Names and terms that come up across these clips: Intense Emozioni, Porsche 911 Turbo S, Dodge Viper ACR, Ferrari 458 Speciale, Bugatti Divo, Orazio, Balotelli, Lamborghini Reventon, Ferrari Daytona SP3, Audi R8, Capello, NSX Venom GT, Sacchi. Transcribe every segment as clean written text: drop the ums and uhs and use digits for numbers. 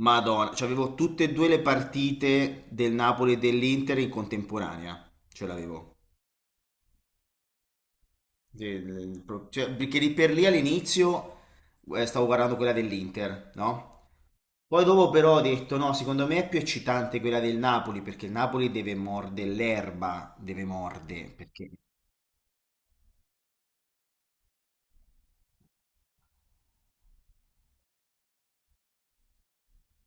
Madonna, cioè avevo tutte e due le partite del Napoli e dell'Inter in contemporanea, ce l'avevo. Cioè, perché lì per lì all'inizio stavo guardando quella dell'Inter, no? Poi dopo però ho detto no, secondo me è più eccitante quella del Napoli perché il Napoli deve mordere l'erba, deve mordere, perché...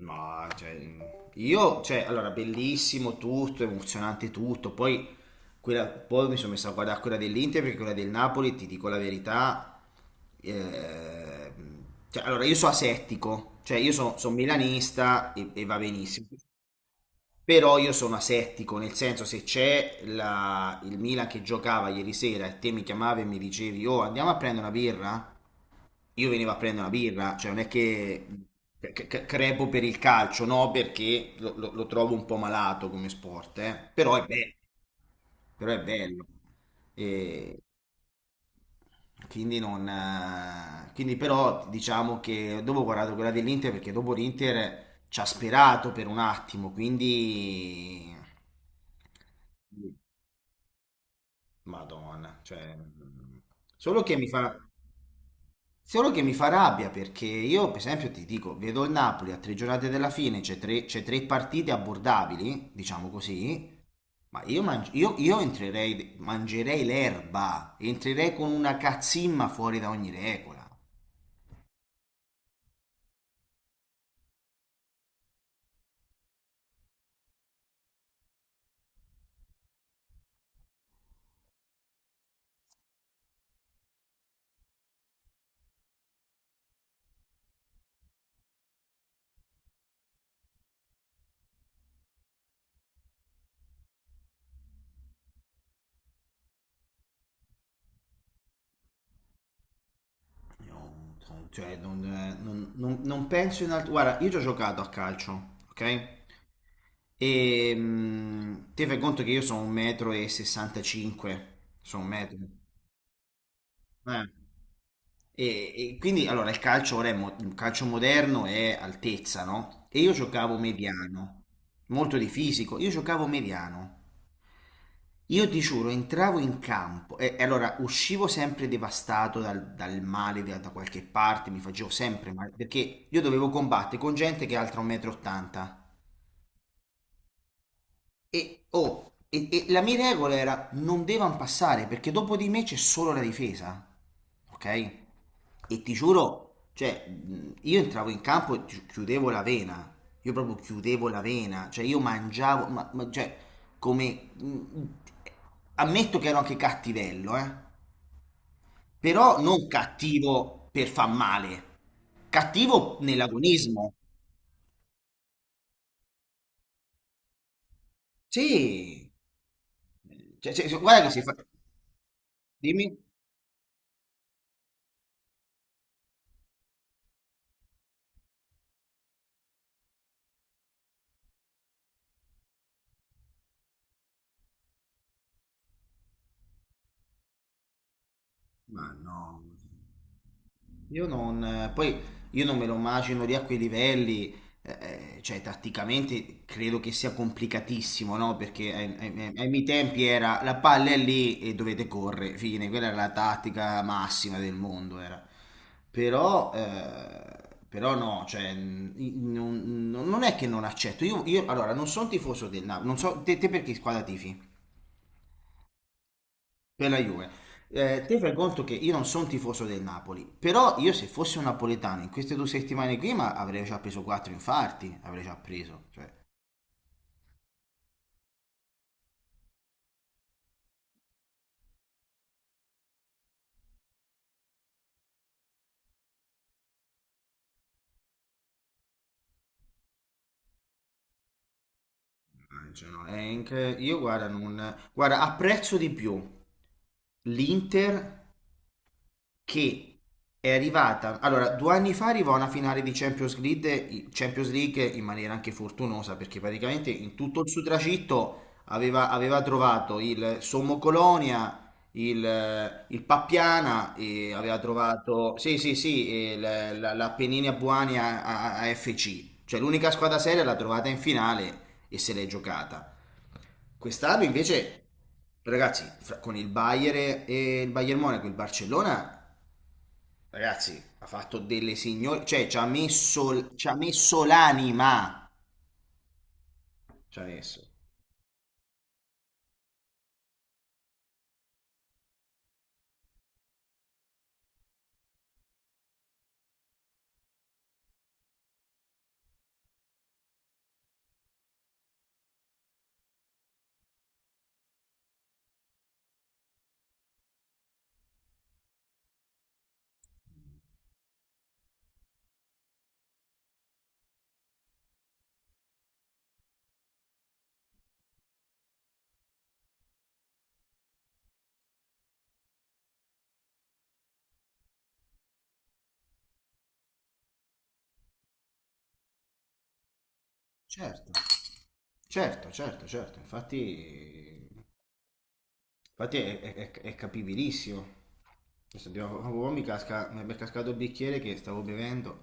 Ma cioè, io, cioè, allora, bellissimo tutto, emozionante tutto. Poi, poi mi sono messo a guardare quella dell'Inter perché quella del Napoli, ti dico la verità. eh, cioè, allora, io sono asettico, cioè, io sono milanista e va benissimo. Però io sono asettico, nel senso, se c'è il Milan che giocava ieri sera e te mi chiamavi e mi dicevi, oh, andiamo a prendere una birra? Io venivo a prendere una birra, cioè non è che crepo per il calcio, no, perché lo trovo un po' malato come sport, eh. Però è bello, però è bello. E quindi non... quindi però diciamo che dopo ho guardato quella dell'Inter perché dopo l'Inter ci ha sperato per un attimo, quindi... Madonna, cioè... Solo che mi fa... Solo che mi fa rabbia perché io, per esempio, ti dico, vedo il Napoli a 3 giornate dalla fine, c'è tre partite abbordabili, diciamo così, ma io, io entrerei, mangerei l'erba, entrerei con una cazzimma fuori da ogni regola. Io, cioè, non, non penso in altro... Guarda, io ci ho giocato a calcio, ok? E ti fai conto che io sono un metro e 65, sono un metro. Eh. E quindi allora il calcio ora è il calcio moderno è altezza, no? E io giocavo mediano, molto di fisico, io giocavo mediano. Io ti giuro, entravo in campo e allora uscivo sempre devastato dal male da qualche parte, mi facevo sempre male, perché io dovevo combattere con gente che è altra 1,80 m. E, ottanta. E, oh, e la mia regola era non devono passare perché dopo di me c'è solo la difesa. Ok? E ti giuro, cioè, io entravo in campo e chiudevo la vena, io proprio chiudevo la vena, cioè io mangiavo, cioè, come... ammetto che ero anche cattivello, eh? Però non cattivo per far male, cattivo nell'agonismo. Sì, cioè, guarda che si fa... Dimmi? Ma no. Io non, poi io non me lo immagino lì a quei livelli, eh, cioè tatticamente credo che sia complicatissimo, no? Perché ai miei tempi era la palla è lì e dovete correre, fine, quella era la tattica massima del mondo, era. Però, però no, cioè, non, non è che non accetto, io, allora non sono tifoso del Napoli, non so, te per che squadra tifi? Per la Juve. Te fai conto che io non sono tifoso del Napoli, però io se fossi un napoletano in queste 2 settimane qui ma avrei già preso quattro infarti, avrei già preso. Cioè, cioè, no, è io guarda, non, guarda, apprezzo di più l'Inter che è arrivata. Allora, 2 anni fa arrivò a una finale di Champions League, Champions League in maniera anche fortunosa, perché praticamente in tutto il suo tragitto aveva trovato il Sommo Colonia, il Pappiana, e aveva trovato, sì, sì, sì, e l'Apennina Buani a FC. Cioè, l'unica squadra seria l'ha trovata in finale e se l'è giocata. Quest'anno invece, ragazzi, con il Bayern e il Bayern Monaco, il Barcellona. Ragazzi, ha fatto delle signore, cioè ci ha messo l'anima. Ci ha messo. Certo, certo, certo, certo. Infatti infatti è, è capibilissimo. Adesso oh, mi è cascato il bicchiere che stavo bevendo.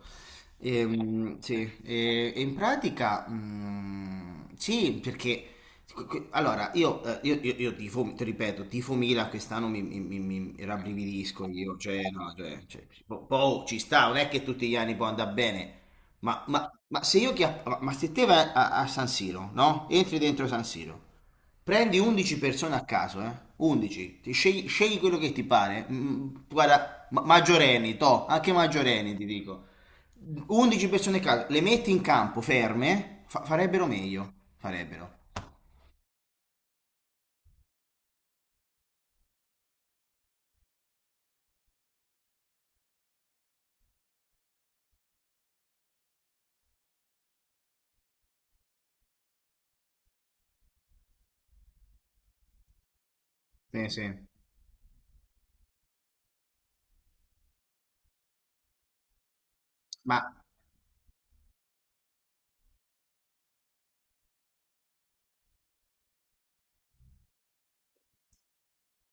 E, sì, e in pratica, sì, perché allora io, io tifo, ti ripeto, tifo Milan quest'anno mi rabbrividisco io, cioè, no, cioè, oh, ci sta, non è che tutti gli anni può andare bene. Ma se io chi ma se te vai a, a San Siro, no? Entri dentro San Siro. Prendi 11 persone a caso, eh? 11, ti scegli, scegli quello che ti pare. Guarda, maggiorenni, to, anche maggiorenni ti dico. 11 persone a caso, le metti in campo ferme, farebbero meglio, farebbero. Sì, sì. Ma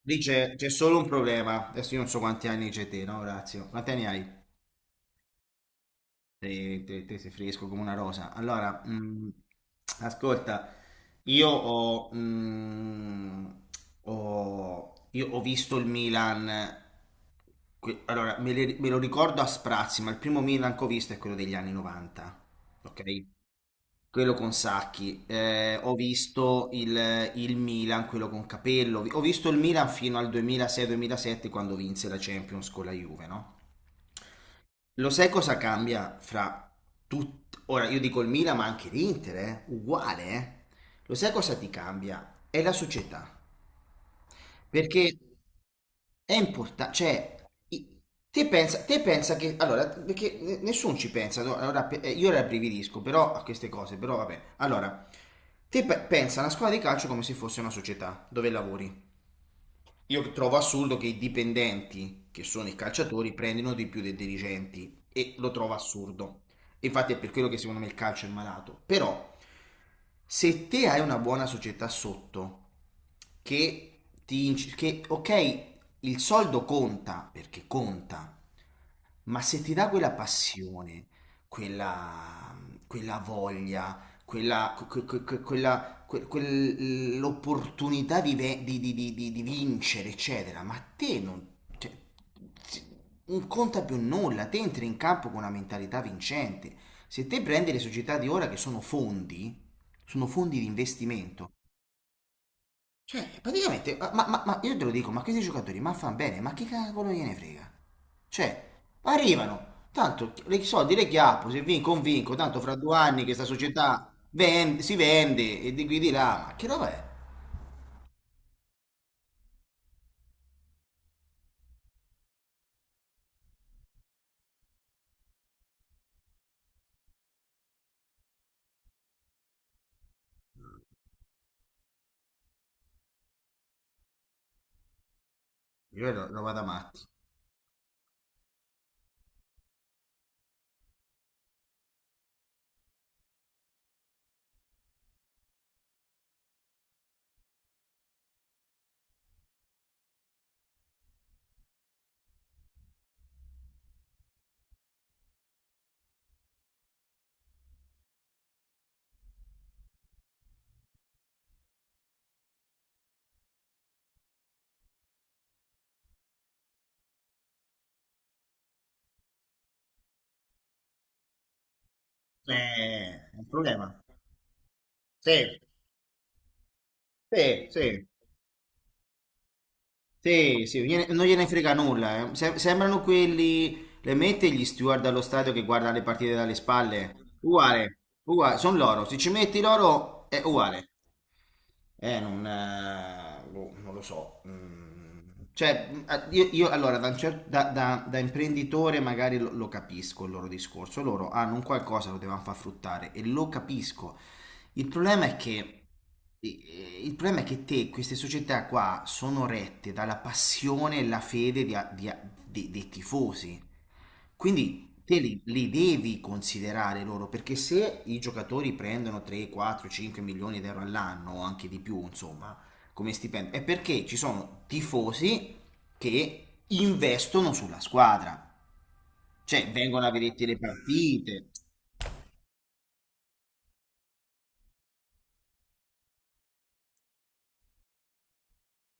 lì c'è solo un problema. Adesso io non so quanti anni c'è te, no, Orazio? Quanti anni hai? Te sei fresco come una rosa. Allora, ascolta, io ho, io ho visto il Milan. Allora, me lo ricordo a sprazzi, ma il primo Milan che ho visto è quello degli anni 90, ok? Quello con Sacchi. Ho visto il Milan, quello con Capello. Ho visto il Milan fino al 2006-2007 quando vinse la Champions con la Juve, no? Lo sai cosa cambia fra tutti? Ora io dico il Milan, ma anche l'Inter, eh? Uguale. Eh. Lo sai cosa ti cambia? È la società. Perché è importante, cioè, i- te pensa che, allora, perché nessuno ci pensa, no? Allora, io rabbrividisco però a queste cose, però vabbè. Allora, te pensa alla squadra di calcio come se fosse una società dove lavori. Io trovo assurdo che i dipendenti, che sono i calciatori, prendano di più dei dirigenti e lo trovo assurdo. Infatti è per quello che secondo me il calcio è malato. Però se te hai una buona società sotto, che ti... che ok, il soldo conta, perché conta, ma se ti dà quella passione, quella, quella voglia, quella, quella l'opportunità di, di vincere, eccetera, ma te non, cioè, si- non conta più nulla, te entri in campo con una mentalità vincente. Se te prendi le società di ora che sono fondi di investimento, cioè praticamente, ma, ma io te lo dico, ma questi giocatori, ma fanno bene, ma che cavolo gliene frega? Cioè, arrivano, tanto i soldi le chiappo, se vinco un vinco, tanto fra 2 anni che sta società si vende e di qui di là, ma che roba è? Io lo vado avanti. È un problema. Sì, sì, sì. Sì, sì, non gliene frega nulla. Eh. Sembrano quelli, le mette gli steward allo stadio che guardano le partite dalle spalle. Uguale, uguale, sono loro. Se ci metti loro è uguale. Non, boh, non lo so. Mm. Cioè, io, allora da, da imprenditore magari lo capisco il loro discorso. Loro hanno un qualcosa, lo devono far fruttare e lo capisco. Il problema è che, sì, il problema è che te, queste società qua sono rette dalla passione e la fede dei tifosi. Quindi te li devi considerare loro, perché se i giocatori prendono 3, 4, 5 milioni di euro all'anno, o anche di più, insomma, come stipendio, è perché ci sono tifosi che investono sulla squadra. Cioè, vengono a vederti le partite.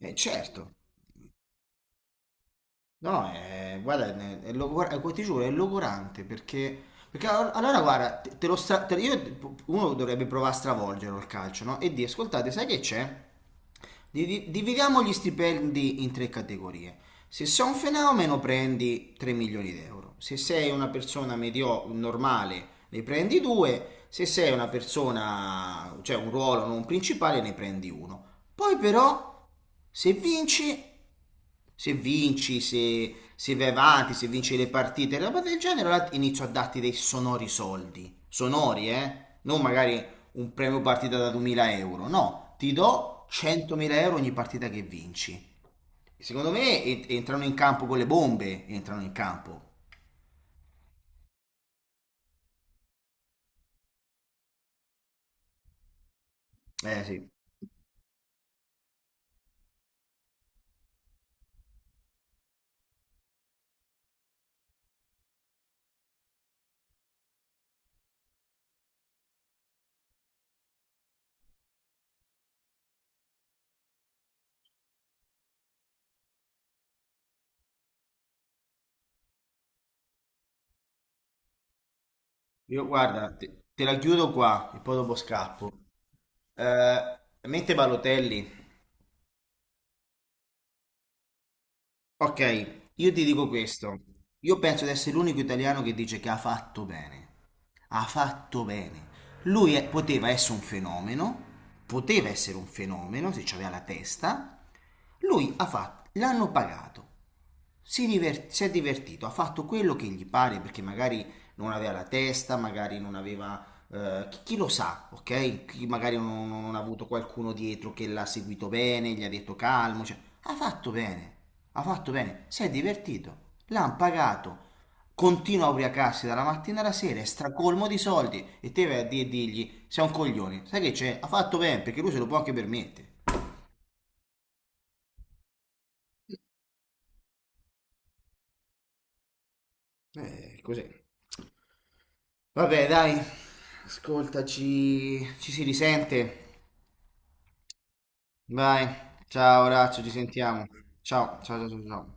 Certo. No, è, guarda, è, ti giuro, è logorante perché, allora guarda, te lo stra- te- io- uno dovrebbe provare a stravolgere il calcio, no? E dire, ascoltate, sai che c'è? Dividiamo gli stipendi in tre categorie. Se sei un fenomeno prendi 3 milioni di euro, se sei una persona medio normale ne prendi 2, se sei una persona, cioè un ruolo non principale ne prendi uno. Poi però, se vinci se vinci, se vai avanti, se vinci le partite, roba del genere, allora inizio a darti dei sonori soldi. Sonori, eh? Non magari un premio partita da 2000 euro, no, ti do 100.000 euro ogni partita che vinci. Secondo me entrano in campo con le bombe, entrano in campo. Eh sì, io guarda, te la chiudo qua e poi dopo scappo. Eh, mette Balotelli. Ok, io ti dico questo. Io penso di essere l'unico italiano che dice che ha fatto bene. Ha fatto bene. Poteva essere un fenomeno, poteva essere un fenomeno se c'aveva la testa, lui ha fatto, l'hanno pagato, si è divertito, ha fatto quello che gli pare perché magari non aveva la testa, magari non aveva... chi lo sa, ok? Chi magari non, non ha avuto qualcuno dietro che l'ha seguito bene, gli ha detto calmo, cioè, ha fatto bene, ha fatto bene, si è divertito, l'hanno pagato, continua a ubriacarsi dalla mattina alla sera, è stracolmo di soldi e te vai a dirgli sei un coglione, sai che c'è? Ha fatto bene perché lui se lo può anche permettere. Così. Vabbè, dai, ascoltaci, ci si risente. Vai, ciao Orazio, ci sentiamo. Ciao, ciao, ciao, ciao. Ciao.